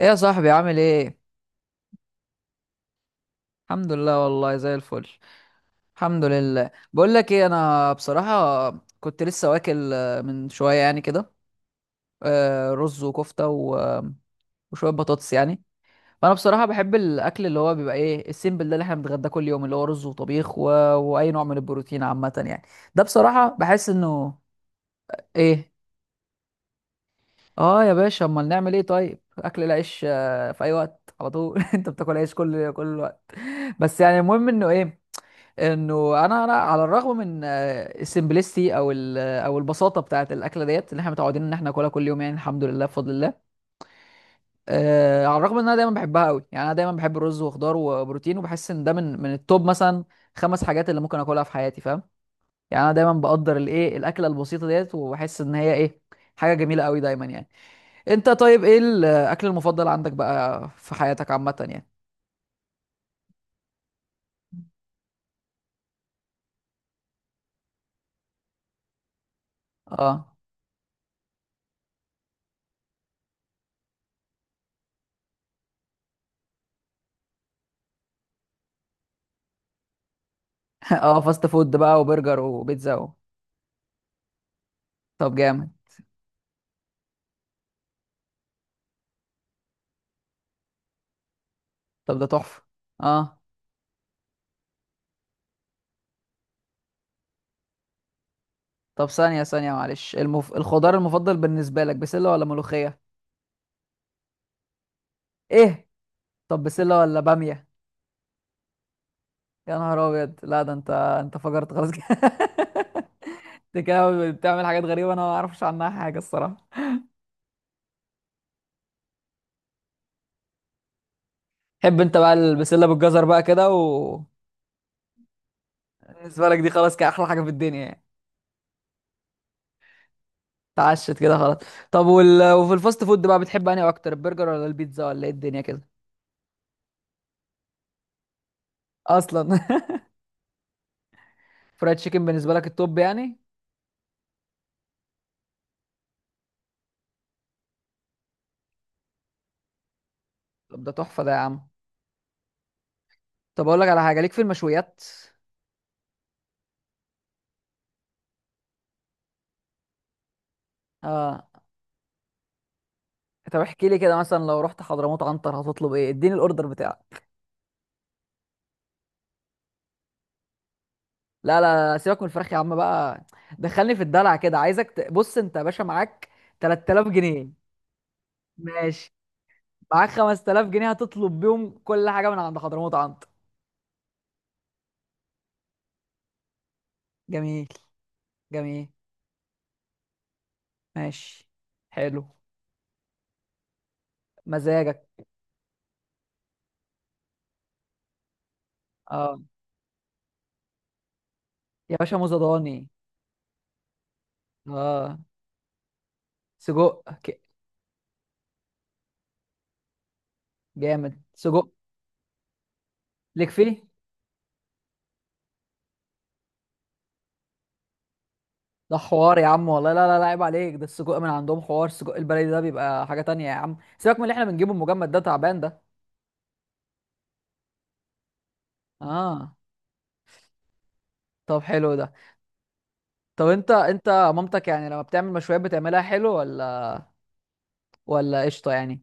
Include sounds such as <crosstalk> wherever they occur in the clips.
ايه يا صاحبي عامل ايه؟ الحمد لله، والله زي الفل. الحمد لله. بقول لك ايه، انا بصراحه كنت لسه واكل من شويه يعني كده. رز وكفته وشويه بطاطس يعني. فانا بصراحه بحب الاكل اللي هو بيبقى ايه السيمبل ده اللي احنا بنتغداه كل يوم، اللي هو رز وطبيخ و واي نوع من البروتين عامه يعني. ده بصراحه بحس انه ايه. اه يا باشا، امال نعمل ايه؟ طيب اكل العيش في اي وقت على طول. <laughs> انت بتاكل عيش كل وقت. بس يعني المهم انه ايه، انه انا على الرغم من السمبلستي او او البساطه بتاعه الاكله ديت اللي احنا متعودين ان احنا ناكلها كل يوم، يعني الحمد لله بفضل الله. على الرغم ان انا دايما بحبها قوي، يعني انا دايما بحب الرز وخضار وبروتين، وبحس ان ده من التوب مثلا خمس حاجات اللي ممكن اكلها في حياتي، فاهم؟ يعني انا دايما بقدر الايه، الاكله البسيطه ديت، وبحس ان هي ايه، حاجه جميله قوي دايما يعني. انت طيب ايه الاكل المفضل عندك بقى في حياتك عامه يعني؟ اه. <laughs> اه، فاست فود بقى وبرجر وبيتزا و طب جامد. طب ده تحفة. اه. طب ثانية ثانية، معلش، الخضار المفضل بالنسبة لك بسلة ولا ملوخية؟ ايه. طب بسلة ولا بامية؟ يا نهار ابيض، لا ده انت فجرت خلاص كده. <laughs> انت كده بتعمل حاجات غريبة انا ما اعرفش عنها حاجة الصراحة. تحب انت بقى البسلة بالجزر بقى كده و بالنسبة لك دي خلاص كده احلى حاجة في الدنيا يعني؟ اتعشت كده خلاص. طب وفي الفاست فود بقى بتحب انهي اكتر، البرجر ولا البيتزا ولا ايه الدنيا كده؟ اصلا. <laughs> فرايد تشيكن بالنسبة لك التوب يعني؟ طب ده تحفة ده يا عم. طب اقول لك على حاجه، ليك في المشويات؟ اه. طب احكي لي كده، مثلا لو رحت حضرموت عنتر هتطلب ايه؟ اديني الاوردر بتاعك. لا لا لا، سيبك من الفراخ يا عم بقى. دخلني في الدلع كده، عايزك بص انت يا باشا معاك 3000 جنيه. ماشي. معاك 5000 جنيه، هتطلب بيهم كل حاجه من عند حضرموت عنتر. جميل. جميل. ماشي. حلو. مزاجك. اه يا باشا، موزة ضاني. اه سجق، جامد سجق، ليك فيه. ده حوار يا عم والله، لا لا لا، عيب عليك، ده السجق من عندهم حوار، السجق البلدي ده بيبقى حاجة تانية يا عم، سيبك من اللي احنا بنجيبه المجمد ده، تعبان ده. اه. طب حلو ده. طب انت مامتك يعني لما بتعمل مشويات بتعملها حلو ولا قشطة يعني؟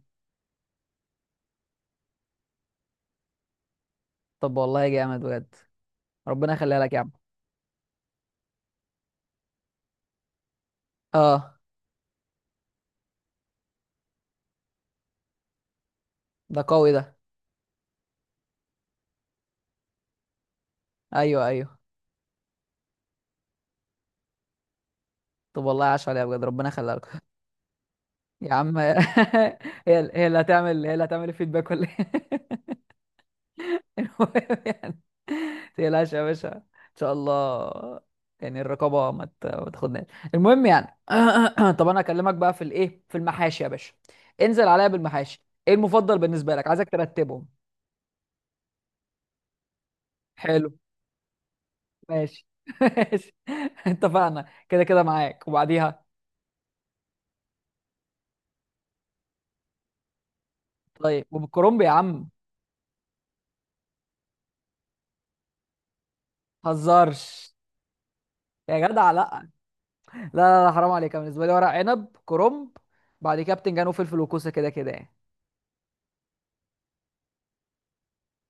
طب والله جامد بجد، ربنا يخليها لك يا عم. اه ده قوي ده. ايوه ايوه. طب والله عاش عليها بجد، ربنا يخليها لك. <laughs> يا عم <laughs> هي اللي هتعمل الفيدباك ولا إيه؟ <laughs> المهم يعني، تقلقش يا باشا ان شاء الله، يعني الرقابه ما تاخدناش. المهم يعني <clears throat> طب انا اكلمك بقى في الايه، في المحاشي يا باشا. انزل عليا بالمحاشي، ايه المفضل بالنسبه لك، عايزك ترتبهم. حلو. ماشي. <laughs> ماشي. اتفقنا كده، كده معاك وبعديها. طيب وبالكرنب يا عم؟ هزارش يا جدع، لا لا لا لا، حرام عليك. أنا بالنسبه لي ورق عنب، كرنب، بعد كده بتنجان وفلفل وكوسه كده كده يعني.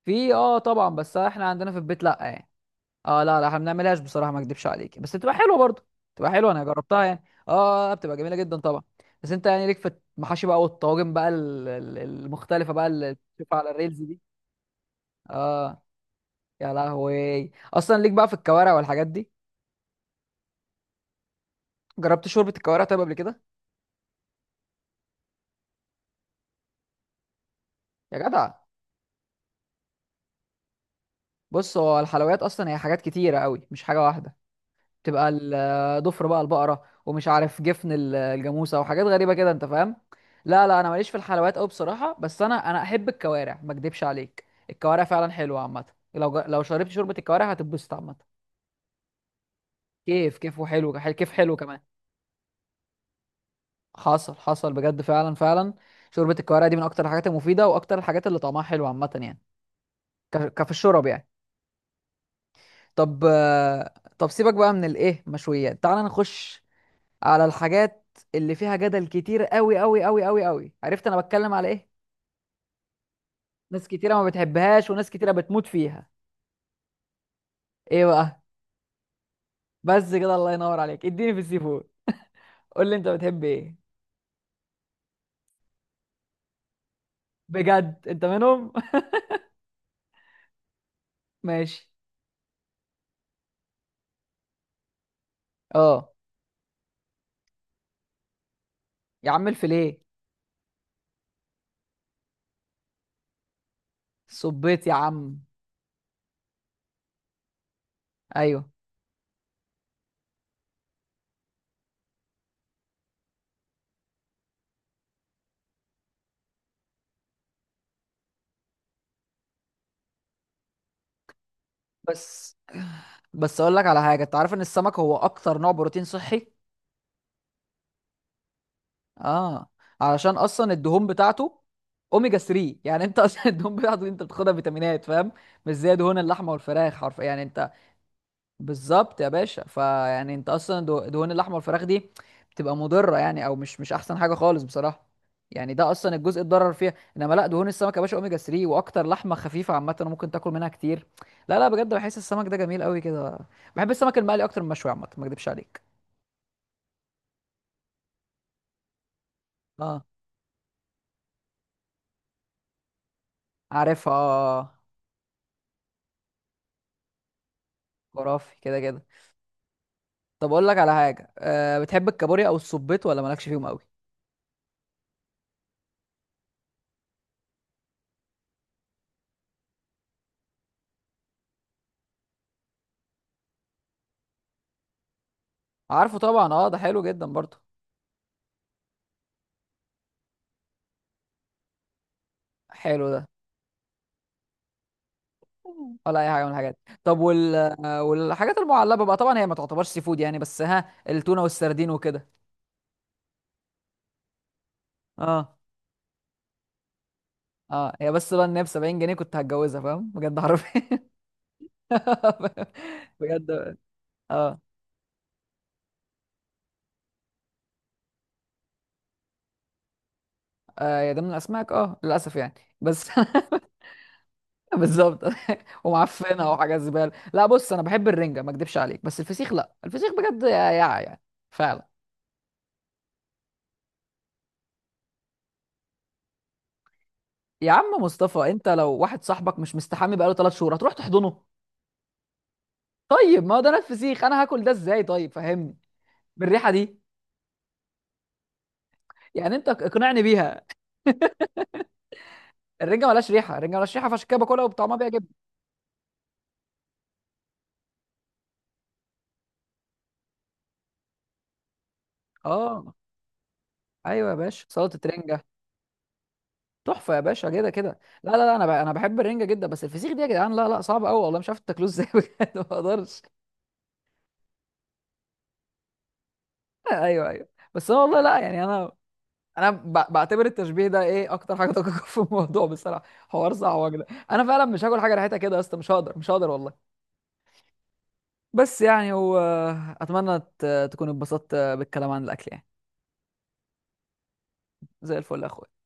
في اه طبعا، بس احنا عندنا في البيت لا يعني. اه لا لا، احنا ما بنعملهاش بصراحه ما اكدبش عليك، بس بتبقى حلوه برضه. بتبقى حلوه، انا جربتها يعني اه، بتبقى جميله جدا طبعا. بس انت يعني ليك في المحاشي بقى والطواجن بقى المختلفه بقى اللي بتشوفها على الريلز دي؟ اه. يا لهوي، اصلا ليك بقى في الكوارع والحاجات دي؟ جربت شوربه الكوارع طيب قبل كده؟ يا جدع، بص هو الحلويات اصلا هي حاجات كتيره قوي، مش حاجه واحده. تبقى ضفر بقى البقره ومش عارف جفن الجاموسه وحاجات غريبه كده انت فاهم. لا لا، انا ماليش في الحلويات قوي بصراحه، بس انا احب الكوارع ما اكدبش عليك، الكوارع فعلا حلوه عامه. لو شربت شوربه الكوارع هتتبسط عامه. كيف حلو كمان. حصل حصل بجد، فعلا فعلا. شوربه الكوارع دي من اكتر الحاجات المفيده واكتر الحاجات اللي طعمها حلو عامه يعني. كفي الشرب يعني. طب طب سيبك بقى من الايه مشويات، تعال نخش على الحاجات اللي فيها جدل كتير، قوي قوي قوي قوي قوي، عرفت انا بتكلم على ايه؟ ناس كتيره ما بتحبهاش وناس كتيره بتموت فيها. ايه بقى؟ بس كده، الله ينور عليك، اديني في السي فود، قول لي انت بتحب ايه. بجد انت منهم. <laughs> ماشي. اه يا عم الفيليه. صبيت يا عم. ايوه. بس بس اقول لك على حاجه، انت عارف ان السمك هو اكتر نوع بروتين صحي؟ اه، علشان اصلا الدهون بتاعته اوميجا 3. <laughs> يعني انت اصلا <laughs> الدهون بتاعته دي انت بتاخدها فيتامينات، فاهم؟ مش زي دهون اللحمه والفراخ، حرف يعني انت. بالظبط يا باشا، فيعني انت اصلا دهون اللحمه والفراخ دي بتبقى مضره يعني، او مش احسن حاجه خالص بصراحه. يعني ده اصلا الجزء اتضرر فيها، انما لا دهون السمك يا باشا اوميجا 3، واكتر لحمه خفيفه عامه وممكن تاكل منها كتير. لا لا، بجد بحس السمك ده جميل قوي كده. بحب السمك المقلي اكتر من المشوي عامه، ما اكدبش عليك. اه عارفها. خرافي كده كده. طب اقول لك على حاجه، بتحب الكابوريا او السبيط، ولا مالكش فيهم قوي؟ عارفه طبعا، اه ده حلو جدا برضه. حلو ده. ولا اي حاجه من الحاجات دي. طب والحاجات المعلبه بقى، طبعا هي ما تعتبرش سي فود يعني، بس ها التونه والسردين وكده؟ اه. اه هي بس بقى ان هي ب 70 جنيه كنت هتجوزها، فاهم؟ بجد حرفيا. <laughs> بجد. اه. يا ده من الاسماك اه للاسف يعني. بس <laughs> بالظبط. <laughs> ومعفنه وحاجه زباله. لا بص، انا بحب الرنجه ما اكدبش عليك، بس الفسيخ لا، الفسيخ بجد يا يعني فعلا. يا عم مصطفى، انت لو واحد صاحبك مش مستحمي بقاله 3 شهور هتروح تحضنه؟ طيب ما هو ده نفس فسيخ، انا هاكل ده ازاي طيب؟ فهمني بالريحه دي، يعني انت اقنعني بيها. الرنجه ملهاش ريحه، الرنجه ملهاش ريحه، فعشان كده باكلها وبطعمها بيعجبني. اه. ايوه يا باشا سلطه رنجه، تحفه يا باشا، كده كده. لا لا لا، انا انا بحب الرنجه جدا، بس الفسيخ دي يا جدعان لا لا صعب قوي والله، مش عارف تاكلوه ازاي. <laughs> بجد ما اقدرش. ايوه ايوه. بس انا والله لا يعني، انا انا بعتبر التشبيه ده ايه اكتر حاجه دقيقه في الموضوع بصراحه. حوار صعب ده. انا فعلا مش هاكل حاجه ريحتها كده يا اسطى، مش هقدر مش هقدر والله. بس يعني هو، اتمنى تكونوا اتبسطت بالكلام عن الاكل يعني. زي الفل يا اخويا.